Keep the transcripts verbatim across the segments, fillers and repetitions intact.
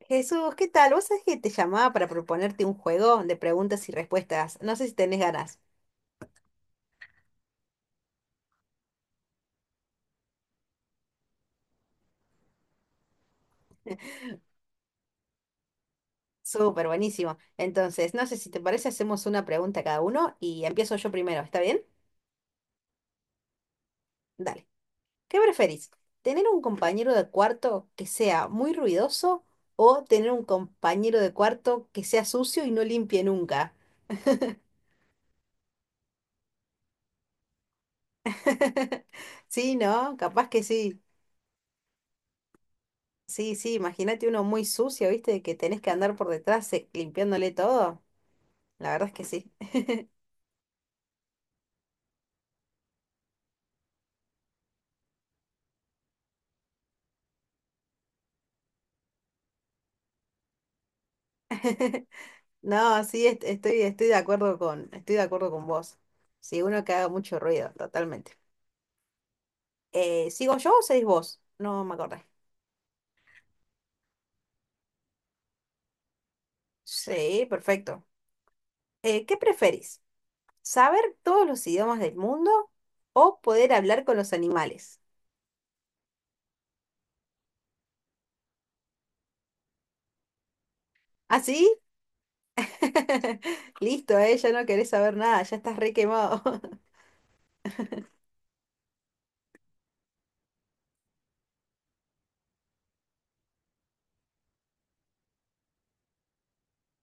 Jesús, ¿qué tal? ¿Vos sabés que te llamaba para proponerte un juego de preguntas y respuestas? No sé si tenés ganas. Súper, buenísimo. Entonces, no sé si te parece, hacemos una pregunta a cada uno y empiezo yo primero, ¿está bien? Dale. ¿Qué preferís? ¿Tener un compañero de cuarto que sea muy ruidoso o tener un compañero de cuarto que sea sucio y no limpie nunca? Sí, ¿no? Capaz que sí. Sí, sí, imagínate uno muy sucio, ¿viste? Que tenés que andar por detrás eh, limpiándole todo. La verdad es que sí. No, sí, est- estoy, estoy de acuerdo con, estoy de acuerdo con vos. Sí, uno que haga mucho ruido, totalmente. Eh, ¿sigo yo o seguís vos? No me acordé. Sí, perfecto. Eh, ¿qué preferís? ¿Saber todos los idiomas del mundo o poder hablar con los animales? ¿Ah, sí? Listo, eh, ya no querés saber nada, ya estás re quemado.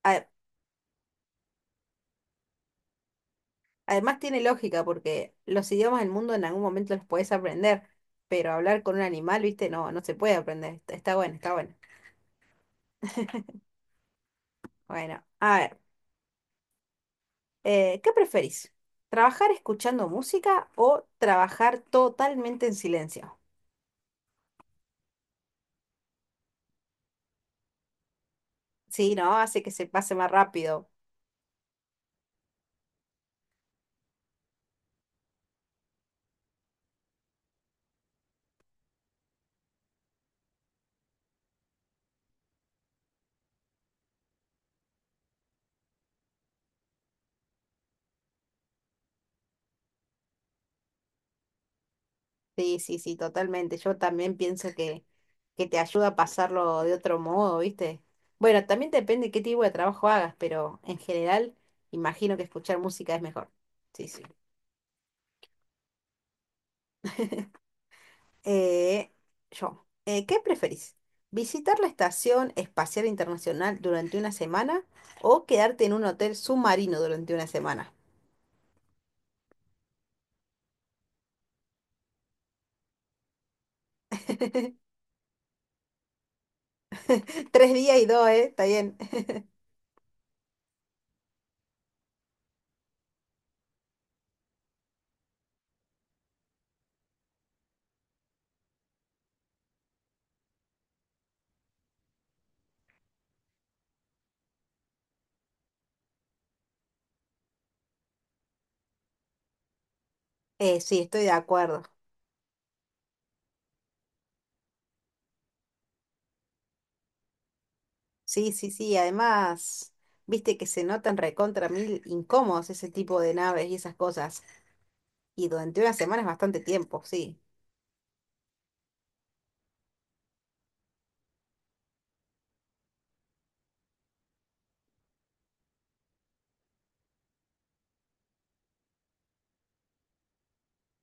A- Además tiene lógica porque los idiomas del mundo en algún momento los podés aprender, pero hablar con un animal, viste, no, no se puede aprender. Está está bueno, está bueno. Bueno, a ver, eh, ¿qué preferís? ¿Trabajar escuchando música o trabajar totalmente en silencio? Sí, ¿no? Hace que se pase más rápido. Sí, sí, sí, totalmente. Yo también pienso que, que te ayuda a pasarlo de otro modo, ¿viste? Bueno, también depende qué tipo de trabajo hagas, pero en general imagino que escuchar música es mejor. Sí, sí. Eh, yo, eh, ¿qué preferís? ¿Visitar la Estación Espacial Internacional durante una semana o quedarte en un hotel submarino durante una semana? Tres días y dos, ¿eh? Está bien. Eh, sí, estoy de acuerdo. Sí, sí, sí. Además, viste que se notan recontra mil incómodos ese tipo de naves y esas cosas. Y durante una semana es bastante tiempo, sí.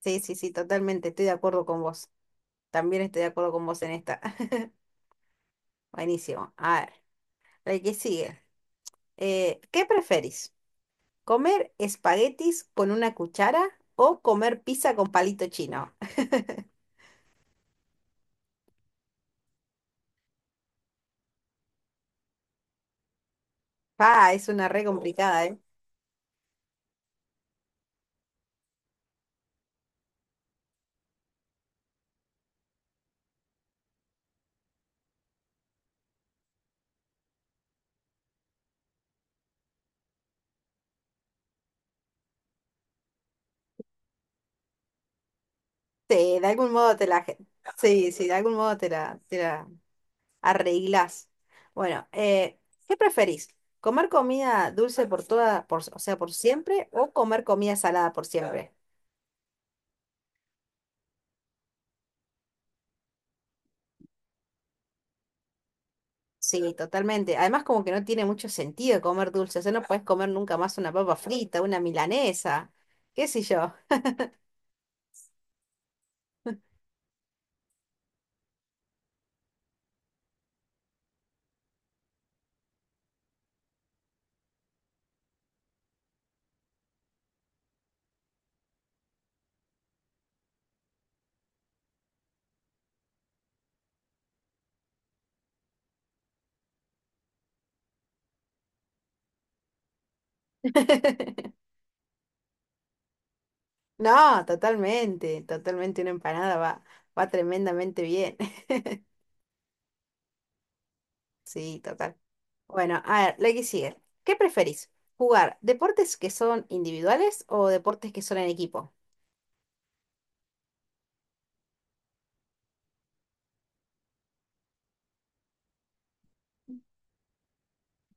Sí, sí, sí, totalmente. Estoy de acuerdo con vos. También estoy de acuerdo con vos en esta. Buenísimo. A ver, el que sigue. Eh, ¿qué preferís? ¿Comer espaguetis con una cuchara o comer pizza con palito chino? Ah, es una re complicada, ¿eh? Sí, de algún modo te la... Sí, sí, de algún modo te la, te la arreglás. Bueno, eh, ¿qué preferís? ¿Comer comida dulce por toda, por, o sea, por siempre o comer comida salada por siempre? Sí, totalmente. Además, como que no tiene mucho sentido comer dulce. O sea, no puedes comer nunca más una papa frita, una milanesa, qué sé yo. No, totalmente, totalmente una empanada va, va tremendamente bien. Sí, total. Bueno, a ver, la que sigue. ¿Qué preferís? ¿Jugar deportes que son individuales o deportes que son en equipo?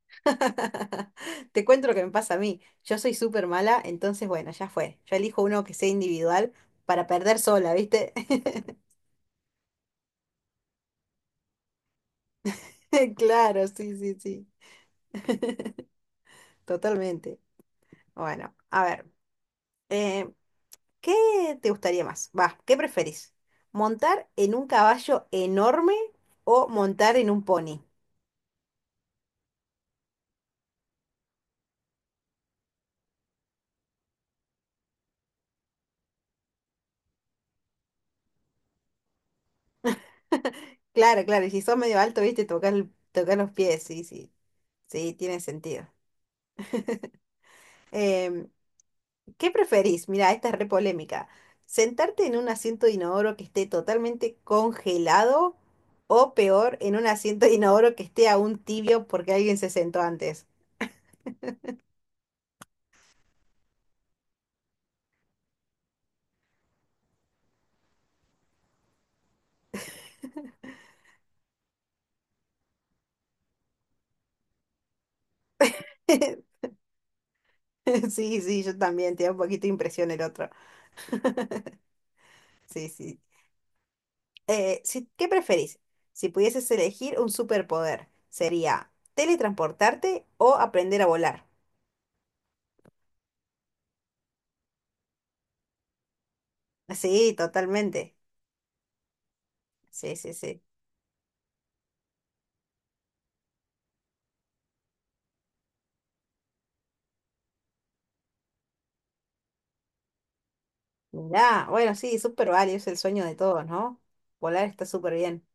Te cuento lo que me pasa a mí. Yo soy súper mala, entonces bueno, ya fue. Yo elijo uno que sea individual para perder sola, ¿viste? Claro, sí, sí, sí, totalmente. Bueno, a ver. Eh, ¿Qué te gustaría más? Va, ¿Qué preferís? ¿Montar en un caballo enorme o montar en un pony? Claro, claro, y si sos medio alto, viste, tocar, el- tocar los pies, sí, sí, sí, tiene sentido. Em, ¿qué preferís? Mira, esta es re polémica. ¿Sentarte en un asiento de inodoro que esté totalmente congelado o peor, en un asiento de inodoro que esté aún tibio porque alguien se sentó antes? Sí, sí, yo también, te da un poquito de impresión el otro. Sí, sí. Eh, si- ¿qué preferís? Si pudieses elegir un superpoder, ¿sería teletransportarte o aprender a volar? Sí, totalmente. Sí, sí, sí. Mirá, bueno, sí, súper válido, es el sueño de todos, ¿no? Volar está súper bien.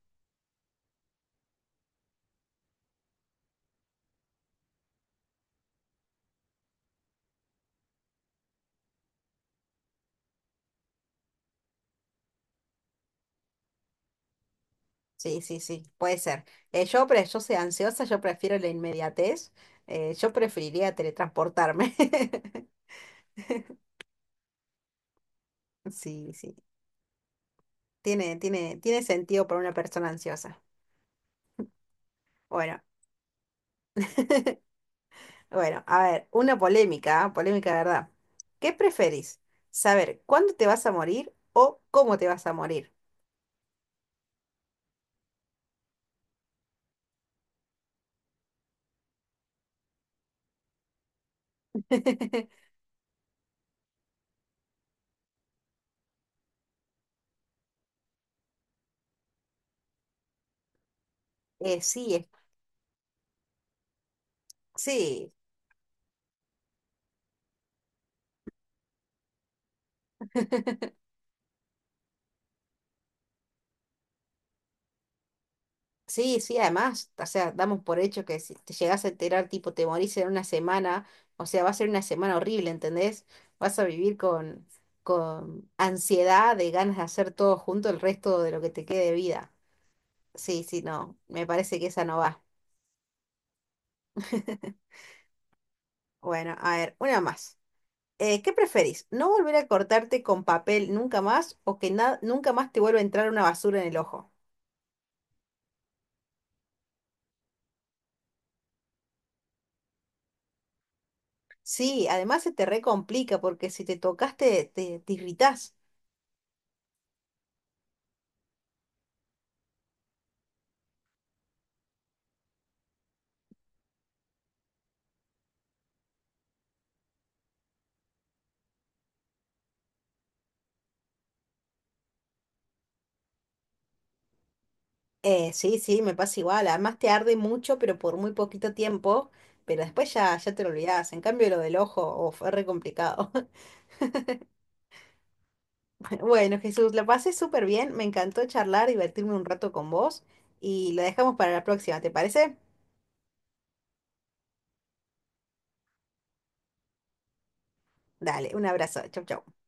Sí, sí, sí, puede ser. Eh, yo, pre- yo soy ansiosa, yo prefiero la inmediatez. eh, yo preferiría teletransportarme. Sí, sí. Tiene, tiene, tiene sentido para una persona ansiosa. Bueno. Bueno, a ver, una polémica, ¿ah? Polémica de verdad. ¿Qué preferís? ¿Saber cuándo te vas a morir o cómo te vas a morir? Eh, sí, es- sí, sí, sí, además, o sea, damos por hecho que si te llegas a enterar, tipo, te morís en una semana, o sea, va a ser una semana horrible, ¿entendés? Vas a vivir con, con ansiedad de ganas de hacer todo junto el resto de lo que te quede de vida. Sí, sí, no, me parece que esa no va. Bueno, a ver, una más. Eh, ¿qué preferís? ¿No volver a cortarte con papel nunca más o que na- nunca más te vuelva a entrar una basura en el ojo? Sí, además se te recomplica porque si te tocaste te, te irritás. Eh, sí, sí, me pasa igual. Además te arde mucho, pero por muy poquito tiempo. Pero después ya, ya te lo olvidás. En cambio, lo del ojo, oh, fue re complicado. Bueno, Jesús, la pasé súper bien. Me encantó charlar, divertirme un rato con vos. Y lo dejamos para la próxima, ¿te parece? Dale, un abrazo. Chau, chau.